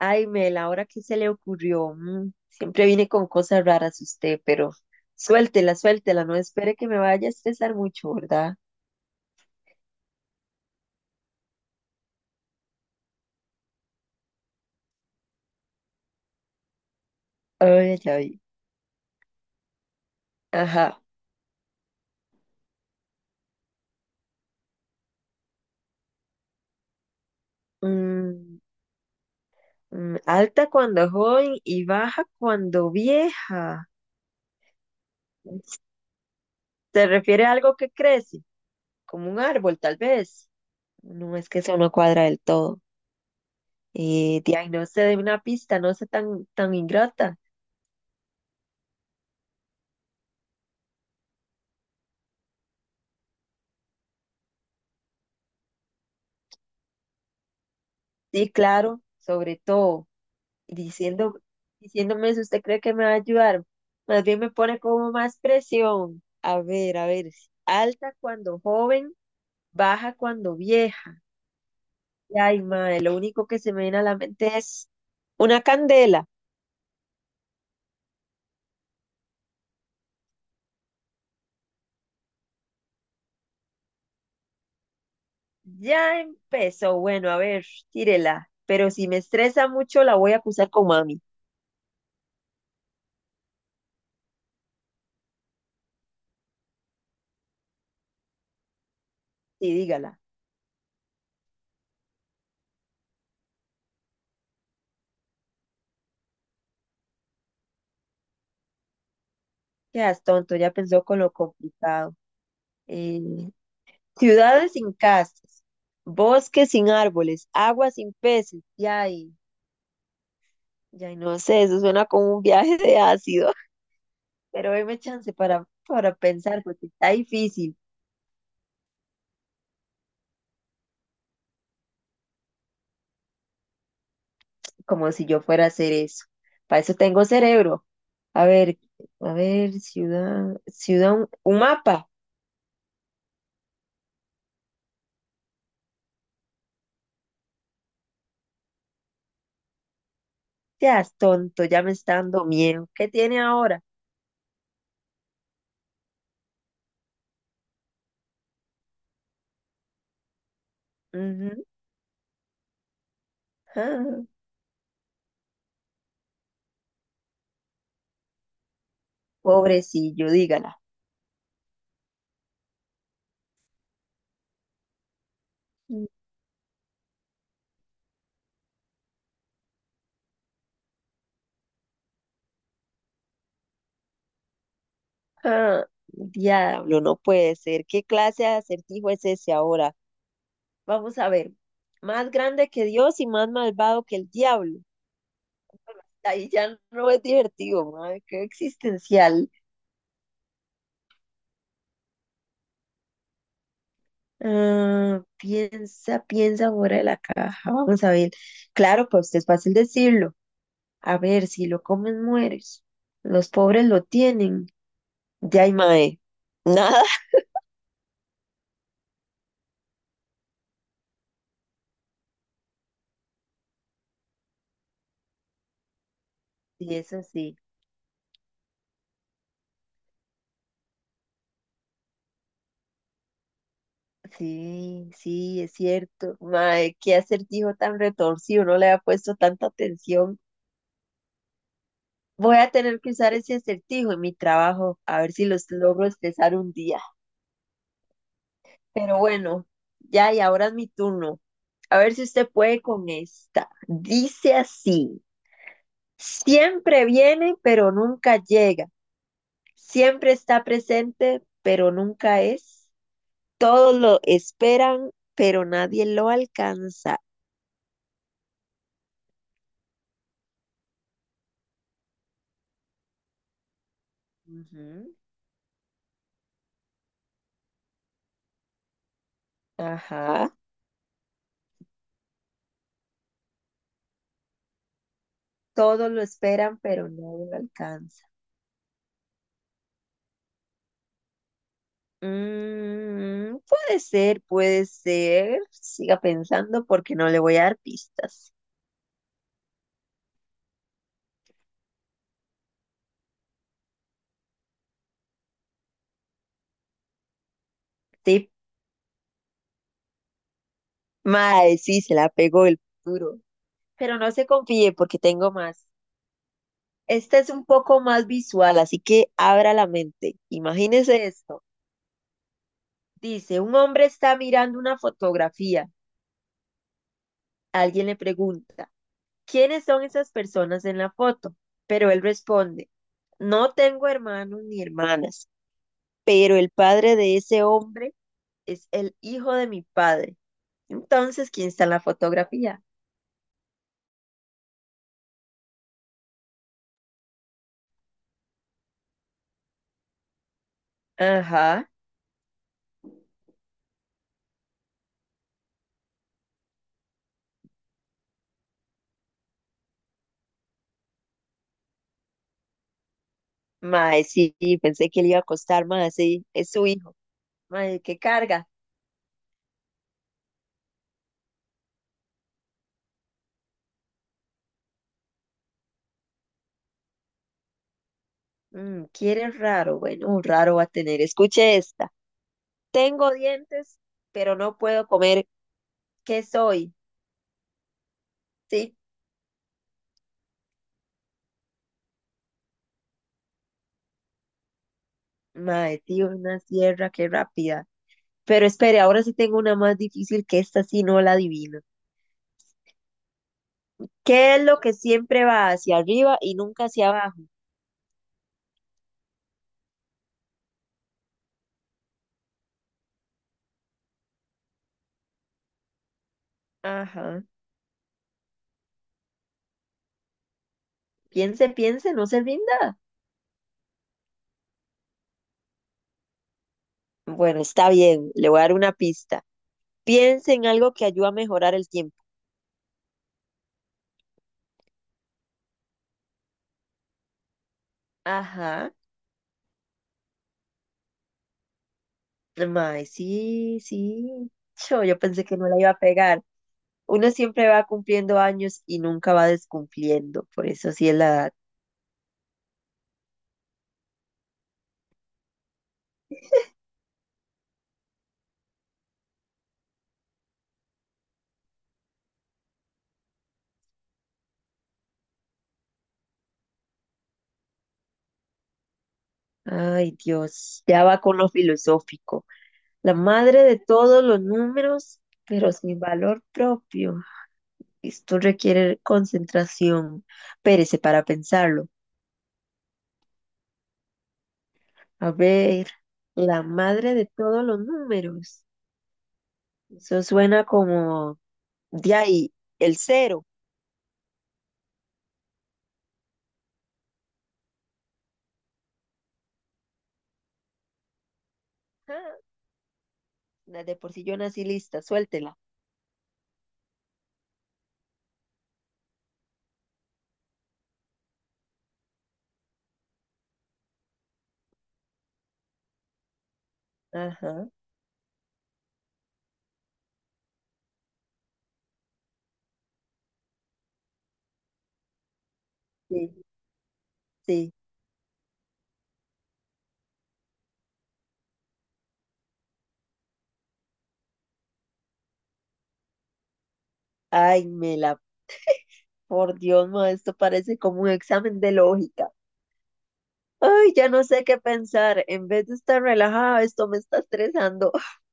Ay, Mel, ahora qué se le ocurrió. Siempre viene con cosas raras usted, pero suéltela, no espere que me vaya a estresar mucho, ¿verdad? Ay, ay, ay. Ajá. Mm, Alta cuando joven y baja cuando vieja. ¿Se refiere a algo que crece? Como un árbol, tal vez. No, es que eso no cuadra del todo. De ahí no se dé una pista, no sea tan ingrata. Sí, claro, sobre todo. diciendo, Diciéndome si usted cree que me va a ayudar. Más bien me pone como más presión. A ver, a ver. Alta cuando joven, baja cuando vieja. Y, ay, madre, lo único que se me viene a la mente es una candela. Ya empezó. Bueno, a ver, tírela. Pero si me estresa mucho, la voy a acusar con mami. Sí, dígala. Quedas tonto, ya pensó con lo complicado. Eh, Ciudades sin casas, bosques sin árboles, agua sin peces. Ya. Ya no sé, eso suena como un viaje de ácido, pero deme chance para pensar, porque está difícil. Como si yo fuera a hacer eso. Para eso tengo cerebro. A ver, a ver, ciudad, un mapa. Seas tonto, ya me está dando miedo. ¿Qué tiene ahora? Ujú, ah, pobrecillo, dígala. Ah, diablo, no puede ser. ¿Qué clase de acertijo es ese ahora? Vamos a ver. Más grande que Dios y más malvado que el diablo. Ahí ya no es divertido, madre, qué existencial. Ah, piensa, piensa fuera de la caja. Vamos a ver. Claro, pues es fácil decirlo. A ver, si lo comes, mueres. Los pobres lo tienen. Ya hay mae. Nada. Y eso sí. Sí, sí, es cierto. Mae, qué acertijo tan retorcido. No le ha puesto tanta atención. Voy a tener que usar ese acertijo en mi trabajo. A ver si los logro expresar un día. Pero bueno, ya y ahora es mi turno. A ver si usted puede con esta. Dice así, siempre viene, pero nunca llega. Siempre está presente, pero nunca es. Todos lo esperan, pero nadie lo alcanza. Ujú, ajá. Todos lo esperan, pero nadie lo alcanza. Puede ser, puede ser. Siga pensando porque no le voy a dar pistas. Estoy. Mae, sí, se la pegó el duro. Pero no se confíe porque tengo más. Esta es un poco más visual, así que abra la mente. Imagínese esto. Dice, un hombre está mirando una fotografía. Alguien le pregunta, ¿quiénes son esas personas en la foto? Pero él responde, no tengo hermanos ni hermanas, pero el padre de ese hombre es el hijo de mi padre. Entonces, ¿quién está en la fotografía? Ajá. Mae, sí, sí, pensé que le iba a costar más, sí, es su hijo. Mae, qué carga. Quiere raro, bueno, un raro va a tener. Escuche esta. Tengo dientes, pero no puedo comer. ¿Qué soy? Sí, mae, tío, una sierra, qué rápida. Pero espere, ahora sí tengo una más difícil que esta, sí no la adivino. ¿Qué es lo que siempre va hacia arriba y nunca hacia abajo? Ajá. Piense, piense, no se rinda. Bueno, está bien, le voy a dar una pista. Piense en algo que ayuda a mejorar el tiempo. Ajá. Mae, sí, sí. Cho, yo pensé que no la iba a pegar. Uno siempre va cumpliendo años y nunca va descumpliendo. Por eso sí es la edad. Ay, Dios. Ya va con lo filosófico. La madre de todos los números, pero sin valor propio. Esto requiere concentración. Pérese para pensarlo. A ver, la madre de todos los números. Eso suena como de ahí, el cero. Na- de por sí yo nací lista, suéltela. Ajá. Sí, sí. Ay, Mela, por Dios, ma, esto parece como un examen de lógica. Ay, ya no sé qué pensar. En vez de estar relajada, esto me está estresando.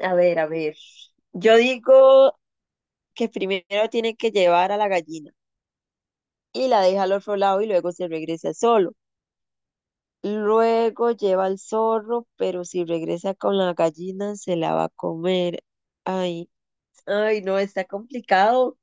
A ver, a ver. Yo digo que primero tiene que llevar a la gallina y la deja al otro lado y luego se regresa solo. Luego lleva al zorro, pero si regresa con la gallina se la va a comer. Ay, ay, no, está complicado.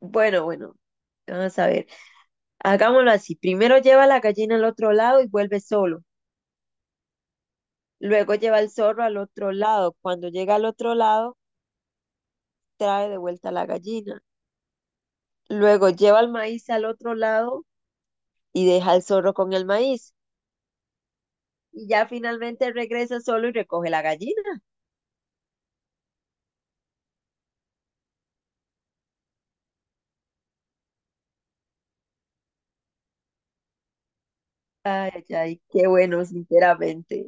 Bueno, bueno. Vamos a ver, hagámoslo así. Primero lleva la gallina al otro lado y vuelve solo. Luego lleva el zorro al otro lado. Cuando llega al otro lado, trae de vuelta la gallina. Luego lleva el maíz al otro lado y deja al zorro con el maíz. Y ya finalmente regresa solo y recoge la gallina. Ay, ay, qué bueno, sinceramente.